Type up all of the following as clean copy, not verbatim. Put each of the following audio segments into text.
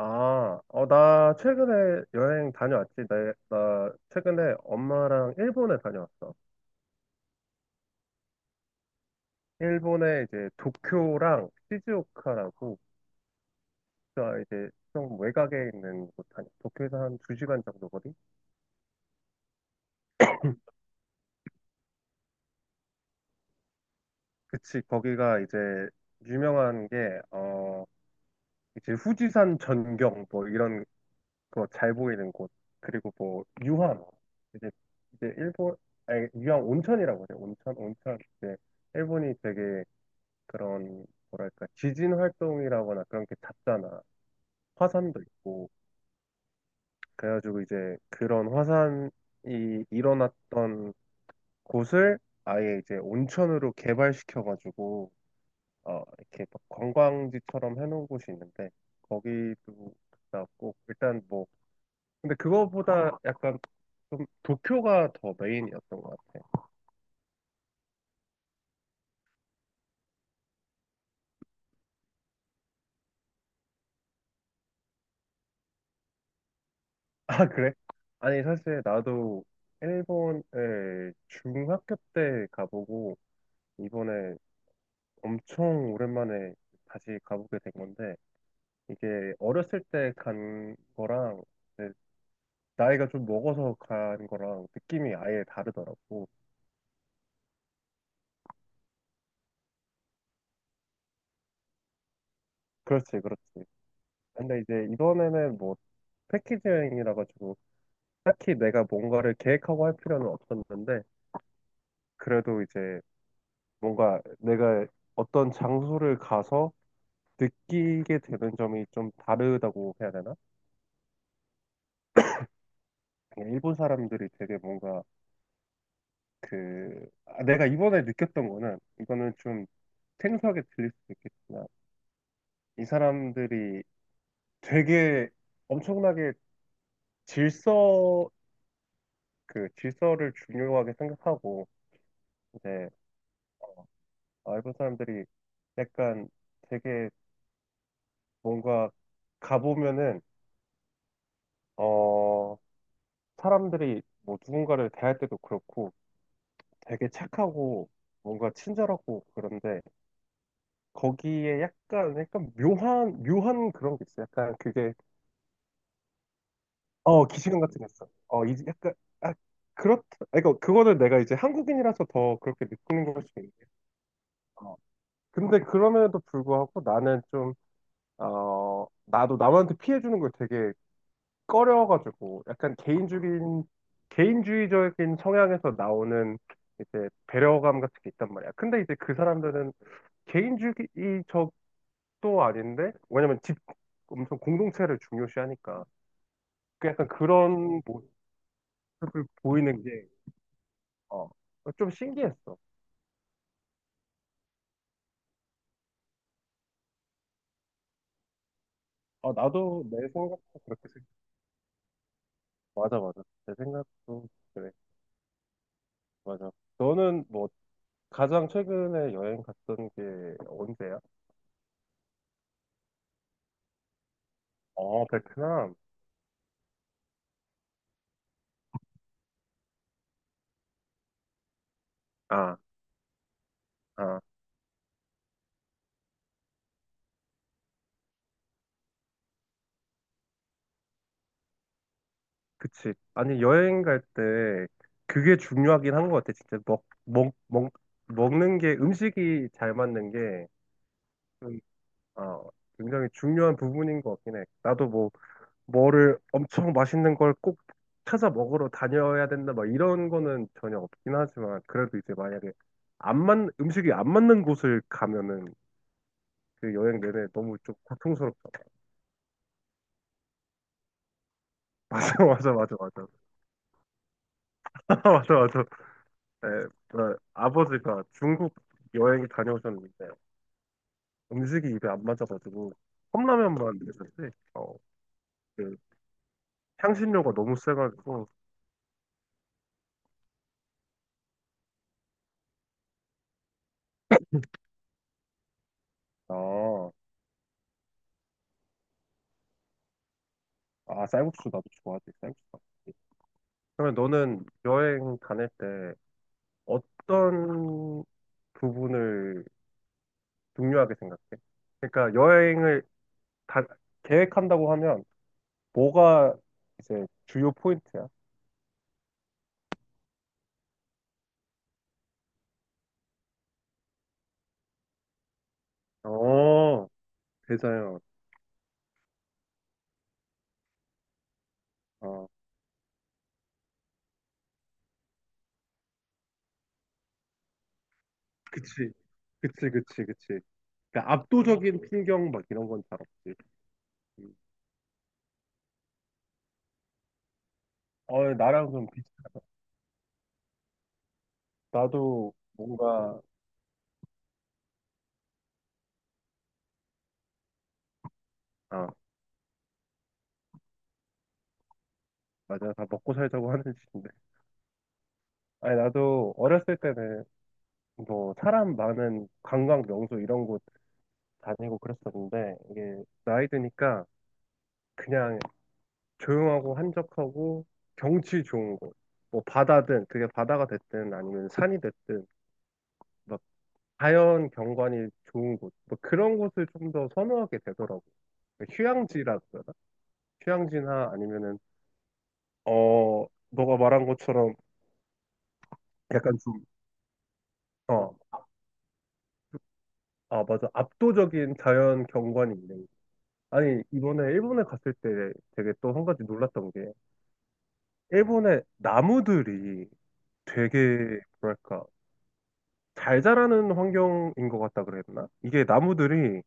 아, 어, 나 최근에 여행 다녀왔지. 나 최근에 엄마랑 일본에 다녀왔어. 일본에 이제 도쿄랑 시즈오카라고, 도쿄가 이제 좀 외곽에 있는 곳 다녀. 도쿄에서 한 2시간 정도 거리? 그치, 거기가 이제 유명한 게, 어, 이제 후지산 전경 뭐 이런 거 잘 보이는 곳. 그리고 뭐 유황. 이제, 이제 일본, 아니, 유황 온천이라고 해요. 온천, 온천. 이제 일본이 되게 그런 뭐랄까 지진 활동이라거나 그런 게 잦잖아. 화산도 있고 그래가지고 이제 그런 화산이 일어났던 곳을 아예 이제 온천으로 개발시켜가지고 어 이렇게 막 관광지처럼 해놓은 곳이 있는데 거기도 갔다 왔고 일단 뭐 근데 그거보다 약간 좀 도쿄가 더 메인이었던 것 같아. 아 그래? 아니 사실 나도 일본을 중학교 때 가보고 이번에 엄청 오랜만에 다시 가보게 된 건데, 이게 어렸을 때 간 거랑, 이제 나이가 좀 먹어서 간 거랑 느낌이 아예 다르더라고. 그렇지, 그렇지. 근데 이제 이번에는 뭐, 패키지 여행이라 가지고, 딱히 내가 뭔가를 계획하고 할 필요는 없었는데, 그래도 이제 뭔가 내가 어떤 장소를 가서 느끼게 되는 점이 좀 다르다고 해야 되나? 그냥 일본 사람들이 되게 뭔가 그 아, 내가 이번에 느꼈던 거는 이거는 좀 생소하게 들릴 수도 있겠지만 이 사람들이 되게 엄청나게 질서 그 질서를 중요하게 생각하고 이제 아, 일본 사람들이 약간 되게 뭔가 가보면은 어 사람들이 뭐 누군가를 대할 때도 그렇고 되게 착하고 뭔가 친절하고 그런데 거기에 약간 약간 묘한 묘한 그런 게 있어요. 약간 그게 어, 기시감 같은 게 있어. 어, 이제 약간, 아, 그렇다. 그러니까 그거는 내가 이제 한국인이라서 더 그렇게 느끼는 걸 수도 있는데. 어. 근데 그럼에도 불구하고 나는 좀, 어, 나도 남한테 피해주는 걸 되게 꺼려가지고, 약간 개인주의적인 성향에서 나오는 이제 배려감 같은 게 있단 말이야. 근데 이제 그 사람들은 개인주의적도 아닌데, 왜냐면 엄청 공동체를 중요시하니까. 그 약간 그런 모습을 보이는 게 어, 좀 신기했어. 아 나도 내 생각도 그렇게 생각. 맞아, 맞아. 내 생각도 그래. 맞아. 너는 뭐 가장 최근에 여행 갔던 게 언제야? 어, 베트남. 아, 아, 그치. 아니 여행 갈 때 그게 중요하긴 한 것 같아. 진짜 먹는 게 음식이 잘 맞는 게 음, 어, 굉장히 중요한 부분인 것 같긴 해. 나도 뭐 뭐를 엄청 맛있는 걸 꼭 찾아 먹으러 다녀야 된다, 막 이런 거는 전혀 없긴 하지만, 그래도 이제 만약에 안 맞, 음식이 안 맞는 곳을 가면은 그 여행 내내 너무 좀 고통스럽죠. 맞아, 맞아, 맞아, 맞아. 맞아, 맞아. 예, 그 아버지가 중국 여행 다녀오셨는데 음식이 입에 안 맞아가지고 컵라면만 드셨지. 어, 그 향신료가 너무 세가지고, 아, 아, 쌀국수 나도 좋아하지, 쌀국수. 맛있지. 그러면 너는 여행 다닐 때 어떤 부분을 중요하게 생각해? 그러니까 여행을 다 계획한다고 하면 뭐가 이제 주요 포인트야? 어, 대자연. 어, 그치. 그치, 그치, 그치. 그러니까 압도적인 풍경 막 이런 건 잘 없지. 음. 어, 나랑 좀 비슷, 나도 뭔가, 아, 맞아. 다 먹고 살자고 하는 짓인데. 아니, 나도 어렸을 때는 뭐 사람 많은 관광 명소 이런 곳 다니고 그랬었는데 이게 나이 드니까 그냥 조용하고 한적하고 경치 좋은 곳, 뭐 바다든 그게 바다가 됐든 아니면 산이 됐든 막 자연 경관이 좋은 곳, 뭐 그런 곳을 좀 더 선호하게 되더라고. 그러니까 휴양지라고 해야 되나? 휴양지나 아니면은 어 너가 말한 것처럼 약간 좀 어, 아 맞아 압도적인 자연 경관이 있는. 아니 이번에 일본에 갔을 때 되게 또 한 가지 놀랐던 게 일본의 나무들이 되게 뭐랄까 잘 자라는 환경인 것 같다 그랬나? 이게 나무들이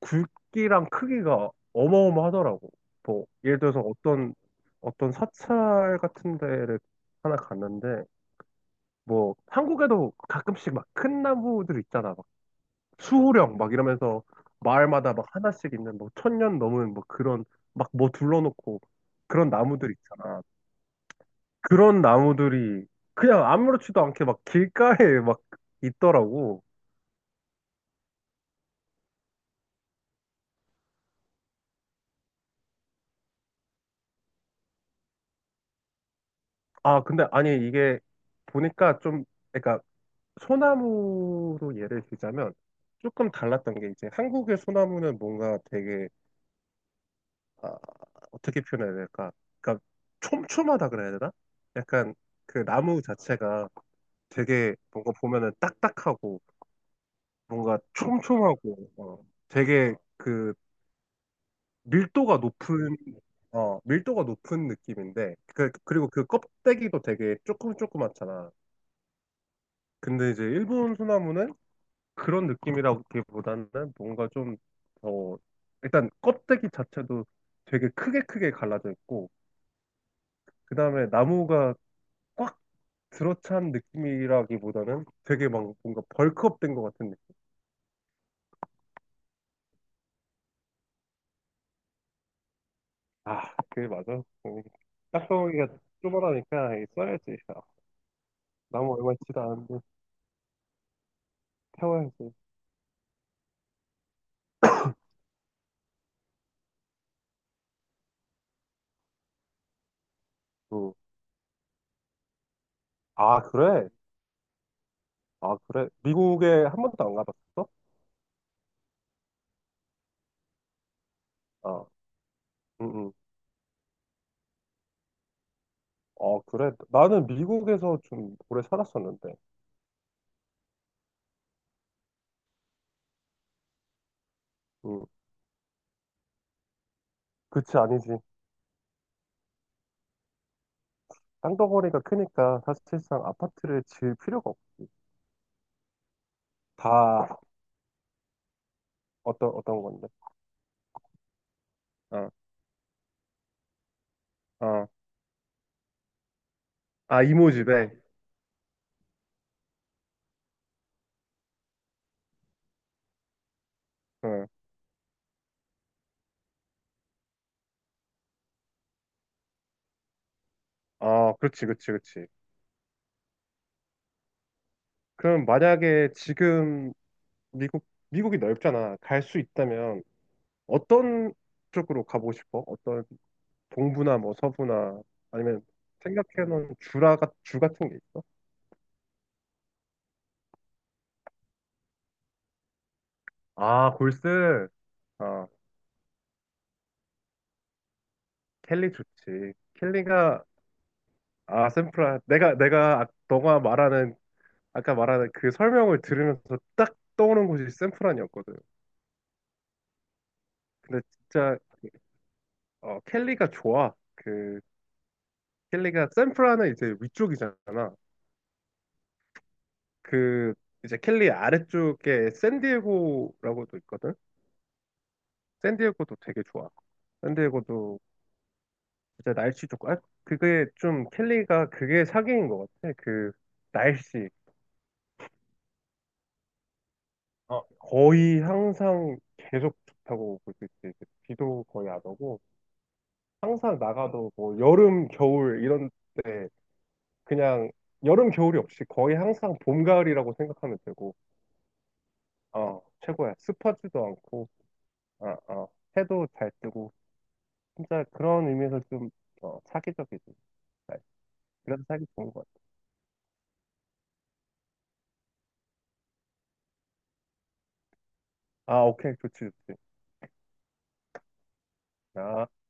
굵기랑 크기가 어마어마하더라고. 뭐 예를 들어서 어떤 사찰 같은 데를 하나 갔는데 뭐 한국에도 가끔씩 막 큰 나무들 있잖아. 막 수호령 막 이러면서 마을마다 막 하나씩 있는 뭐 1000년 넘은 뭐 그런 막 뭐 둘러놓고 그런 나무들 있잖아. 그런 나무들이 그냥 아무렇지도 않게 막 길가에 막 있더라고. 아, 근데 아니 이게 보니까 좀 그러니까 소나무로 예를 들자면 조금 달랐던 게 이제 한국의 소나무는 뭔가 되게 아, 어떻게 표현해야 될까? 그러니까 촘촘하다 그래야 되나? 약간 그 나무 자체가 되게 뭔가 보면은 딱딱하고 뭔가 촘촘하고 어, 되게 그 밀도가 높은 어, 밀도가 높은 느낌인데 그, 그리고 그 껍데기도 되게 조금 조그맣잖아. 근데 이제 일본 소나무는 그런 느낌이라기보다는 뭔가 좀 더, 일단 껍데기 자체도 되게 크게 크게 갈라져 있고, 그 다음에 나무가 꽉 들어찬 느낌이라기보다는 되게 막 뭔가 벌크업 된 것 같은 느낌. 아, 그게 맞아. 음, 딱정이가 쪼그라니까 써야지. 아, 나무 얼마 있지도 않은데 태워야지. 응. 아, 그래? 아, 그래? 미국에 한 번도 안 가봤어? 아, 응, 응. 어, 그래. 나는 미국에서 좀 오래 살았었는데. 응. 그치, 아니지. 땅덩어리가 크니까 사실상 아파트를 지을 필요가 없지. 다 어떤 건데? 어, 어. 아, 이모집에. 어. 아, 그렇지, 그렇지, 그렇지. 그럼 만약에 지금 미국 미국이 넓잖아. 갈 수 있다면 어떤 쪽으로 가보고 싶어? 어떤 동부나 뭐 서부나 아니면 생각해놓은 주 같은 게 있어? 아, 골스. 아, 켈리 좋지. 켈리가 아, 샌프란. 내가 너가 말하는 아까 말한 그 설명을 들으면서 딱 떠오른 곳이 샌프란이었거든. 근데 진짜 어, 켈리가 좋아. 그 켈리가 샌프란은 이제 위쪽이잖아. 그 이제 켈리 아래쪽에 샌디에고라고도 있거든. 샌디에고도 되게 좋아. 샌디에고도 진짜 날씨 좋고 아, 그게 좀 켈리가 그게 사기인 것 같아. 그 날씨 어, 거의 항상 계속 좋다고 볼 수 있지. 그 비도 거의 안 오고. 항상 나가도 뭐 여름, 겨울 이런 때 그냥 여름, 겨울이 없이 거의 항상 봄, 가을이라고 생각하면 되고, 어, 최고야. 습하지도 않고, 어, 어, 해도 잘 뜨고, 진짜 그런 의미에서 좀, 어, 사기적이지. 네, 그래서 사기 좋은 것 같아. 아, 오케이. 좋지, 좋지. 아.